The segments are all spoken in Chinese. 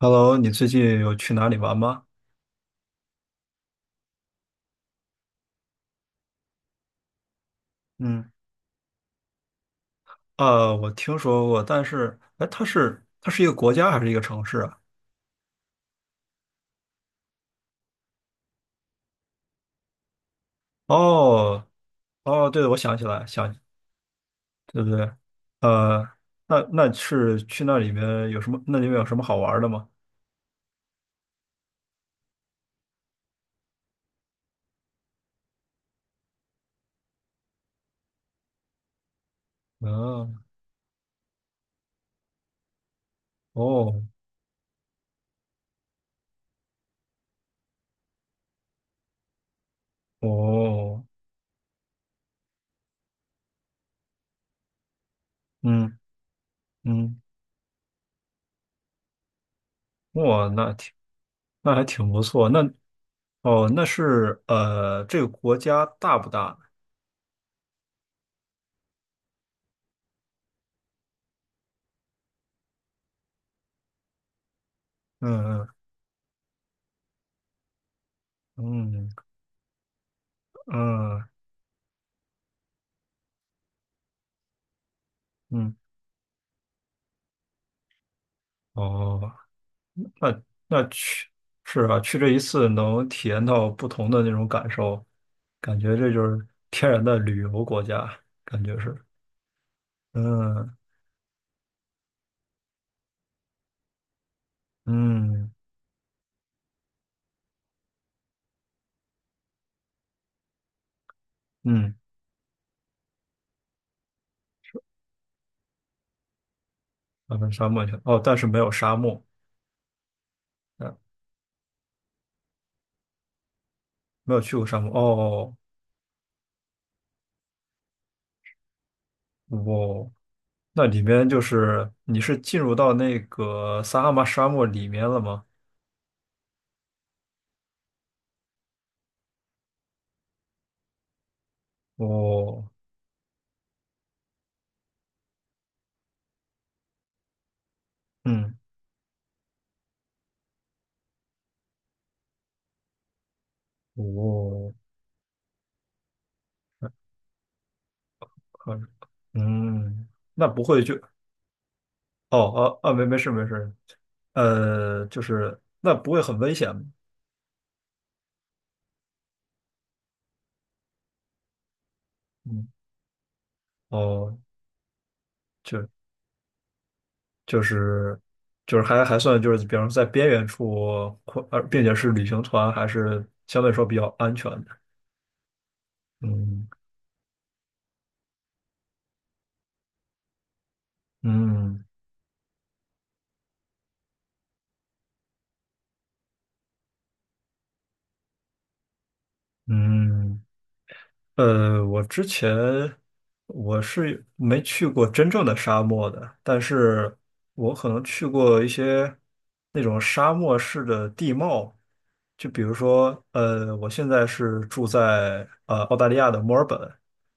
Hello，你最近有去哪里玩吗？嗯，啊，我听说过，但是，哎，它是一个国家还是一个城市啊？哦，哦，对，我想起来，想，对不对？呃，那是去那里面有什么？那里面有什么好玩的吗？嗯，哦，哦，嗯嗯，哇，那还挺不错。那，哦，这个国家大不大？嗯嗯嗯嗯嗯，哦。那那去是啊，去这一次能体验到不同的那种感受，感觉这就是天然的旅游国家，感觉是，嗯嗯嗯，阿根沙漠去了哦，但是没有沙漠，嗯，没有去过沙漠哦，哦，那里面就是你是进入到那个撒哈拉沙漠里面了吗？哦，嗯，哦，可嗯，那不会就哦哦啊，没事没事，就是那不会很危险吗？嗯，哦，就就是就是还算就是，比方说在边缘处，并且是旅行团，还是相对来说比较安全的。嗯嗯嗯。我之前我是没去过真正的沙漠的，但是我可能去过一些那种沙漠式的地貌，就比如说，我现在是住在澳大利亚的墨尔本，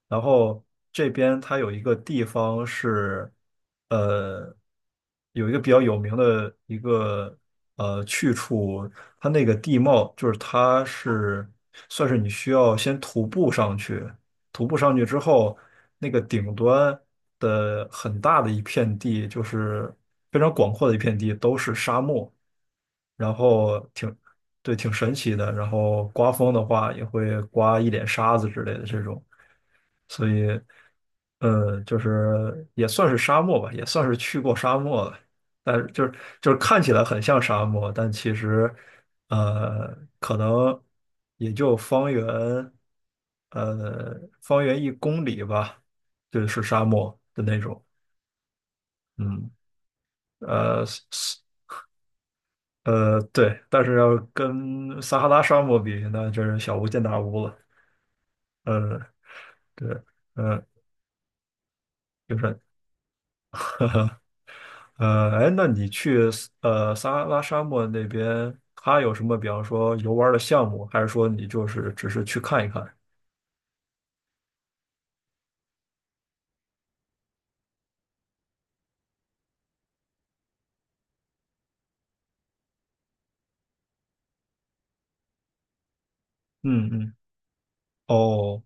然后这边它有一个地方是，呃，有一个比较有名的一个去处，它那个地貌就是算是你需要先徒步上去，徒步上去之后，那个顶端的很大的一片地，就是非常广阔的一片地，都是沙漠。然后对，挺神奇的。然后刮风的话，也会刮一脸沙子之类的这种，所以，就是也算是沙漠吧，也算是去过沙漠了。但是就是看起来很像沙漠，但其实，可能也就方圆，呃，1公里吧，就是沙漠的那种。嗯，呃，对，但是要跟撒哈拉沙漠比，那就是小巫见大巫了。呃，对，嗯、就是哎，那你去撒哈拉沙漠那边，它有什么，比方说游玩儿的项目，还是说你就是只是去看一看？嗯嗯，哦，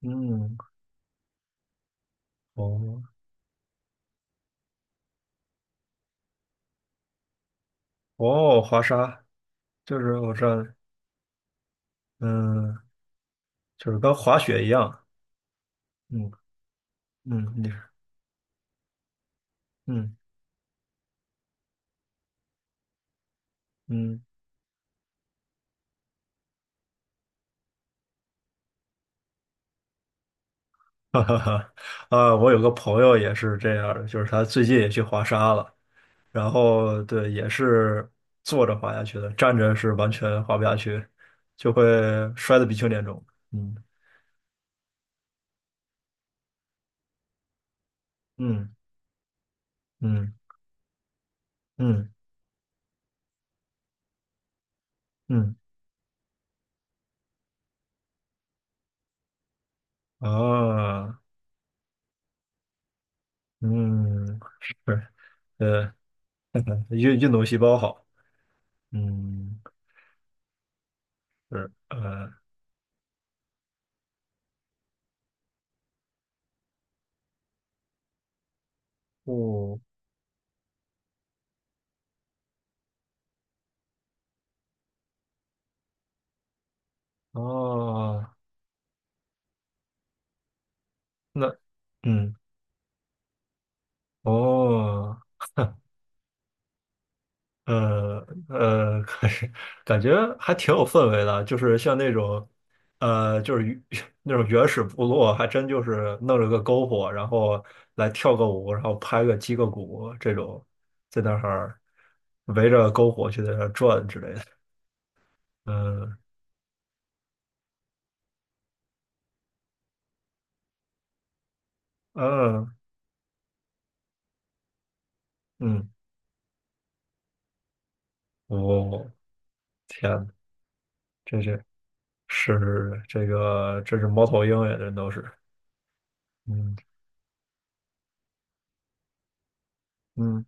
嗯，哦，哦，滑沙，就是我知道，嗯，就是跟滑雪一样，嗯嗯，嗯嗯。哈哈哈，啊，我有个朋友也是这样儿的，就是他最近也去滑沙了，然后对，也是坐着滑下去的，站着是完全滑不下去，就会摔得鼻青脸肿。嗯嗯嗯嗯嗯啊嗯，是，呃 运动细胞好，嗯，是，哦哦，那，嗯，哦。呃呃，感感觉还挺有氛围的，就是像那种，就是那种原始部落，还真就是弄了个篝火，然后来跳个舞，然后击个鼓这种，在那儿围着篝火去在那儿转之类的。嗯嗯嗯，我、天呐，这是这个，这是猫头鹰呀，这都是，嗯嗯，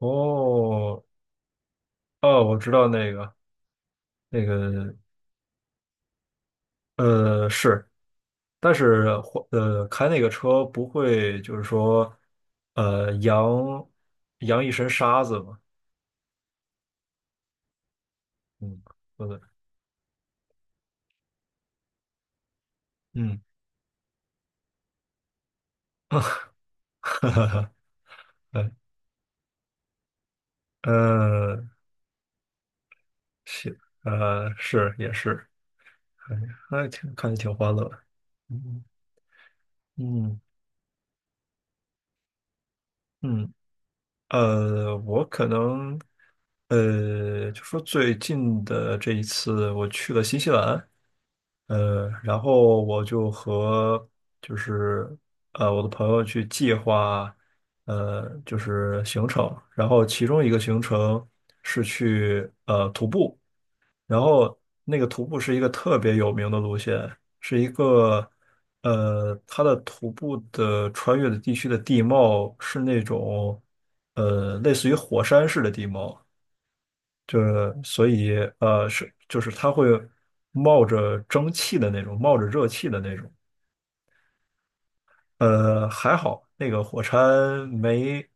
哦哦，我知道那个。是，但是开那个车不会就是说，呃，扬扬一身沙子嘛，嗯，不对，嗯，哈哈哈呃，是，是也是，哎，看着挺欢乐的，嗯嗯嗯。我可能，就说最近的这一次，我去了新西兰，然后我就和就是我的朋友去计划，就是行程，然后其中一个行程是去徒步。然后那个徒步是一个特别有名的路线，是一个呃，它的徒步的穿越的地区的地貌是类似于火山式的地貌，就是所以就是它会冒着蒸汽的那种，冒着热气的那种。还好那个火山没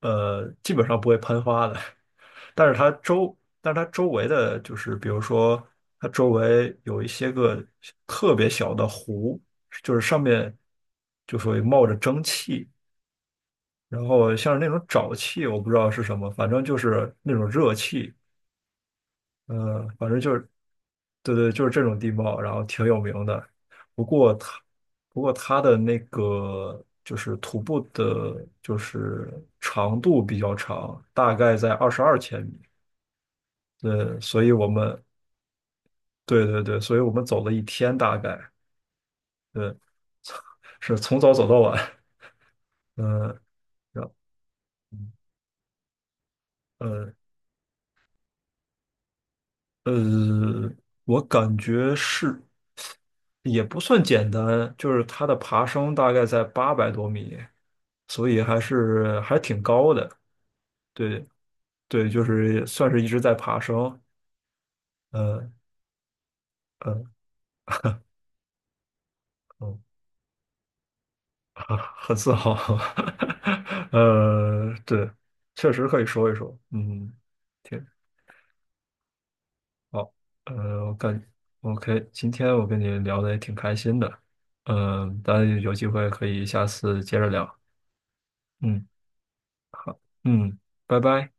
呃，基本上不会喷发的。但是它周围的就是，比如说它周围有一些个特别小的湖，就是上面就属于冒着蒸汽，然后像是那种沼气，我不知道是什么，反正就是那种热气，反正就是，对对，就是这种地貌，然后挺有名的。不过它，不过它的那个就是徒步的，就是长度比较长，大概在22千米。对，所以我们对对对，所以我们走了一天大概，对，是从早走到晚，嗯，然后呃呃，我感觉是也不算简单，就是它的爬升大概在800多米，所以还是还挺高的，对对，就是算是一直在爬升，嗯，呃嗯，很自豪，对，确实可以说一说，嗯。挺好，呃，我感 OK，今天我跟你聊的也挺开心的，嗯、当然有机会可以下次接着聊，嗯嗯，拜拜。